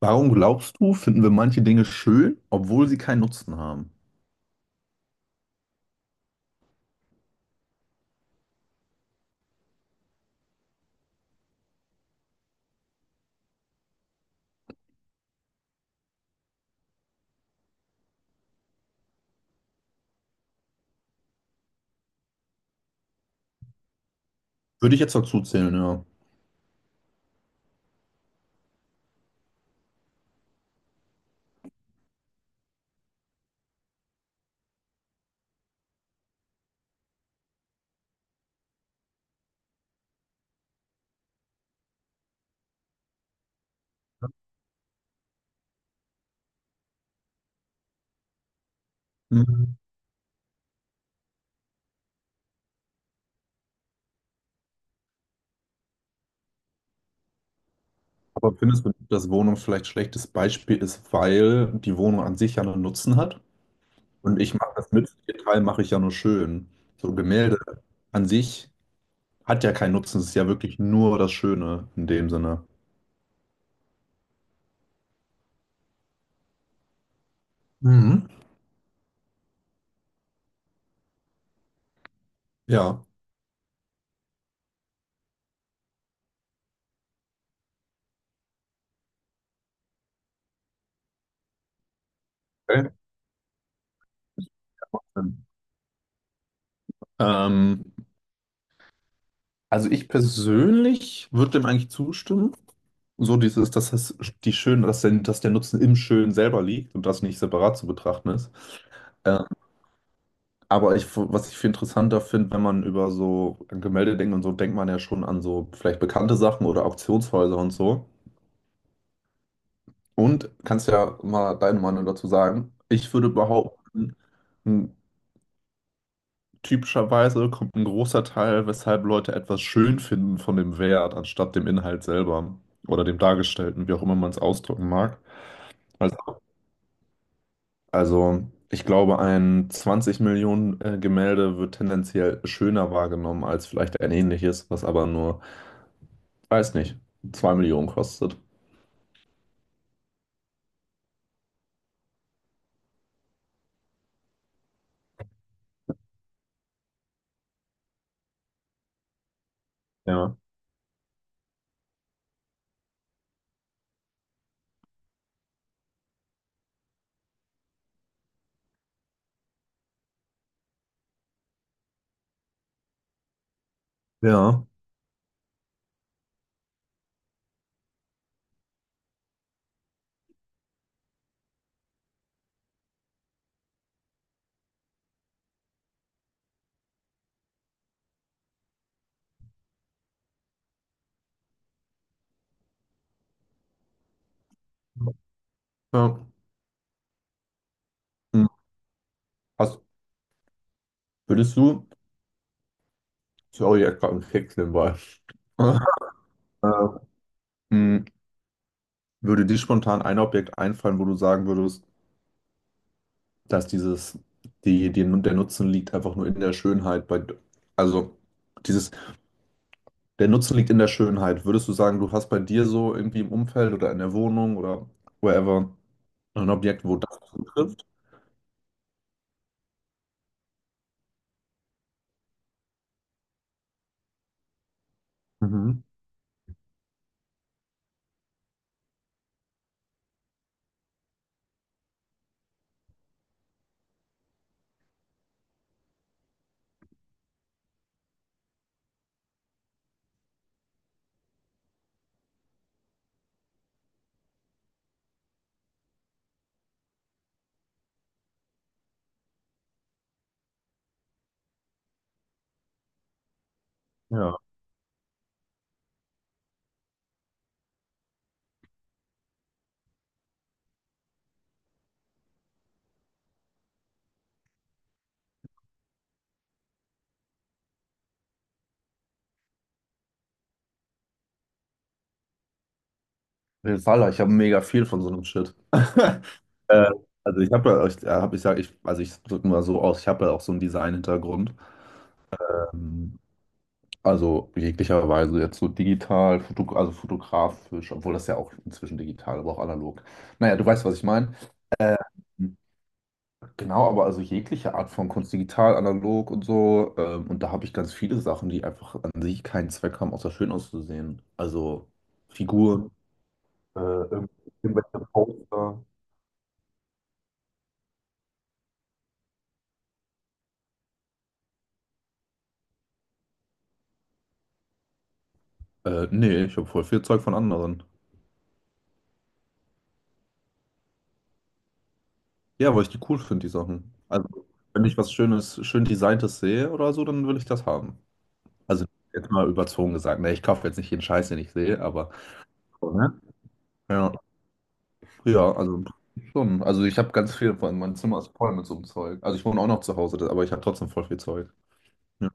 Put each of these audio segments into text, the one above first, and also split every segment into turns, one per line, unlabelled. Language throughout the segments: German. Warum glaubst du, finden wir manche Dinge schön, obwohl sie keinen Nutzen haben? Würde ich jetzt dazu zählen, ja. Mhm. Aber findest du, dass Wohnung vielleicht ein schlechtes Beispiel ist, weil die Wohnung an sich ja einen Nutzen hat? Und ich mache das mit, den Teil mache ich ja nur schön. So Gemälde an sich hat ja keinen Nutzen, es ist ja wirklich nur das Schöne in dem Sinne. Mhm. Ja. Okay. Ähm, also ich persönlich würde dem eigentlich zustimmen, so dieses, dass das die schön, dass der Nutzen im Schön selber liegt und das nicht separat zu betrachten ist. Ähm, aber was ich viel interessanter finde, wenn man über so Gemälde denkt und so, denkt man ja schon an so vielleicht bekannte Sachen oder Auktionshäuser und so. Und kannst ja mal deine Meinung dazu sagen. Ich würde behaupten, m, typischerweise kommt ein großer Teil, weshalb Leute etwas schön finden, von dem Wert, anstatt dem Inhalt selber oder dem Dargestellten, wie auch immer man es ausdrücken mag. Also ich glaube, ein 20 Millionen Gemälde wird tendenziell schöner wahrgenommen als vielleicht ein ähnliches, was aber nur, weiß nicht, 2 Millionen kostet. Ja. Ja. Ja. Hm. Hast, würdest du, sorry, ich hab grad einen Keks nebenbei. Äh, hm, Würde dir spontan ein Objekt einfallen, wo du sagen würdest, dass dieses, die, die, der Nutzen liegt einfach nur in der Schönheit bei, also dieses Der Nutzen liegt in der Schönheit. Würdest du sagen, du hast bei dir so irgendwie im Umfeld oder in der Wohnung oder wherever ein Objekt, wo das zutrifft? Mhm. Ja. Auf jeden Fall, ich habe mega viel von so einem Shit. Äh, also ich habe ja, ich, hab, ich sag, ich, also ich drücke mal so aus, ich habe ja auch so einen Design-Hintergrund. Ähm, also jeglicher Weise jetzt so digital, Foto, also fotografisch, obwohl das ja auch inzwischen digital, aber auch analog. Naja, du weißt, was ich meine. Äh, Genau, aber also jegliche Art von Kunst, digital, analog und so. Und da habe ich ganz viele Sachen, die einfach an sich keinen Zweck haben, außer schön auszusehen. Also Figuren, äh, irgendwelche Poster. Nee, ich habe voll viel Zeug von anderen. Ja, weil ich die cool finde, die Sachen. Also, wenn ich was Schönes, schön Designtes sehe oder so, dann will ich das haben. Also, jetzt mal überzogen gesagt. Ne, ich kaufe jetzt nicht jeden Scheiß, den ich sehe, aber. So, ne? Ja. Ja, also im Prinzip schon. Also ich habe ganz viel, vor allem mein Zimmer ist voll mit so einem Zeug. Also ich wohne auch noch zu Hause, das- aber ich habe trotzdem voll viel Zeug. Ja.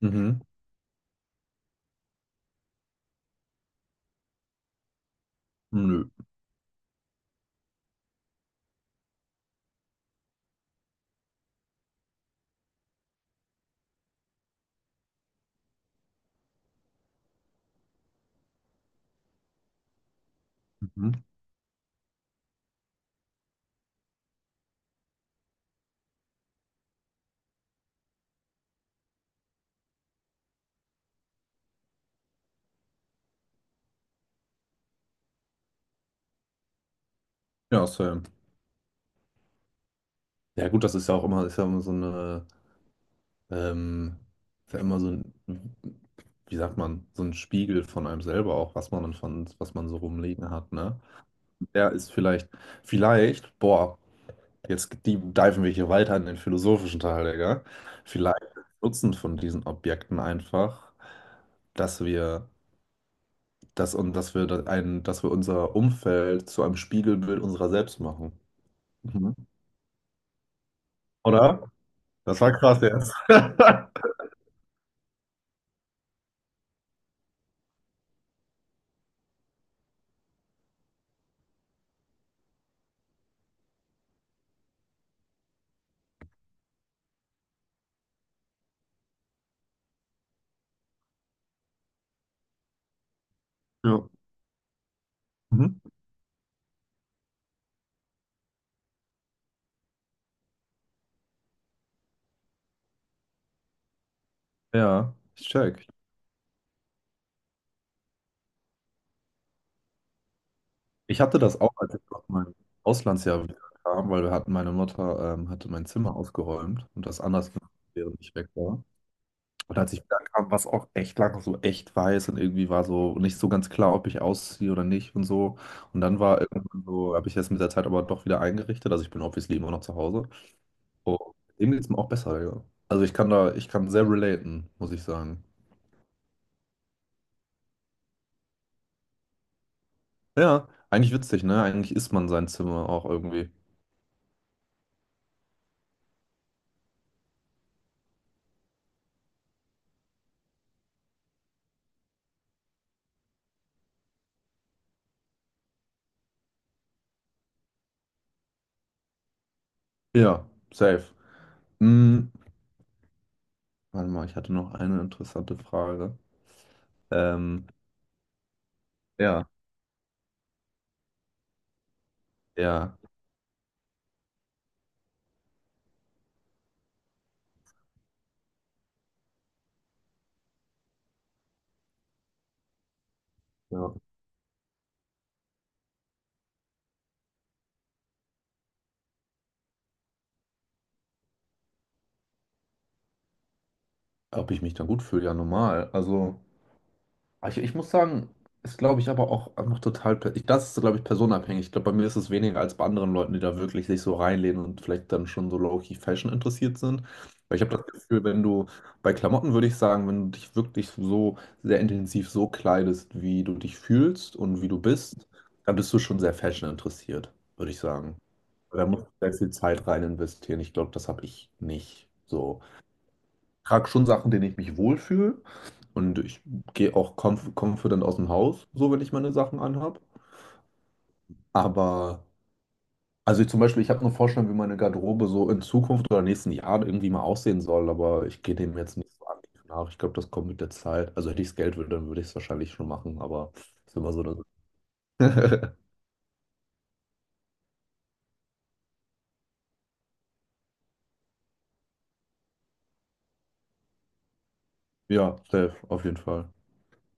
Mhm. Nö. Mhm. Ja, same. Ja gut, das ist ja auch immer, ist ja immer so ähm, ein, wie sagt man, so ein Spiegel von einem selber auch, was man was man so rumliegen hat, ne? Der ist vielleicht, vielleicht, Boah, jetzt die diven wir hier weiter in den philosophischen Teil, Digga. Vielleicht ist der Nutzen von diesen Objekten einfach, dass wir dass, und dass wir, da ein, dass wir unser Umfeld zu einem Spiegelbild unserer selbst machen. Mhm. Oder? Das war krass jetzt. Ja. Mhm. Ja, ich check. Ich hatte das auch, als ich aus meinem Auslandsjahr wieder kam, weil meine Mutter hatte mein Zimmer ausgeräumt und das anders gemacht, während ich weg war. Und als ich wieder kam, war es auch echt lange so echt weiß und irgendwie war so nicht so ganz klar, ob ich ausziehe oder nicht und so. Und dann war irgendwann so, habe ich jetzt mit der Zeit aber doch wieder eingerichtet. Also ich bin obviously immer noch zu Hause. Oh, dem geht's mir auch besser, ja. Also ich kann sehr relaten, muss ich sagen. Ja, eigentlich witzig, ne? Eigentlich isst man sein Zimmer auch irgendwie. Ja, safe. Hm, warte mal, ich hatte noch eine interessante Frage. Ähm, ja, ja, ja. Ob ich mich dann gut fühle, ja normal. Also. Ich muss sagen, ist glaube ich aber auch einfach das ist glaube ich personenabhängig. Ich glaube, bei mir ist es weniger als bei anderen Leuten, die da wirklich sich so reinlehnen und vielleicht dann schon so low-key Fashion interessiert sind. Weil ich habe das Gefühl, wenn du bei Klamotten, würde ich sagen, wenn du dich wirklich so sehr intensiv so kleidest, wie du dich fühlst und wie du bist, dann bist du schon sehr Fashion interessiert, würde ich sagen. Da musst du sehr viel Zeit rein investieren. Ich glaube, das habe ich nicht so, trage schon Sachen, denen ich mich wohlfühle. Und ich gehe auch confident aus dem Haus, so wenn ich meine Sachen anhab. Aber, also ich zum Beispiel, ich habe eine Vorstellung, wie meine Garderobe so in Zukunft oder nächsten Jahren irgendwie mal aussehen soll, aber ich gehe dem jetzt nicht so aktiv nach. Ich glaube, das kommt mit der Zeit. Also hätte ich das Geld, dann würde ich es wahrscheinlich schon machen, aber ist immer so eine. Ja, safe, auf jeden Fall.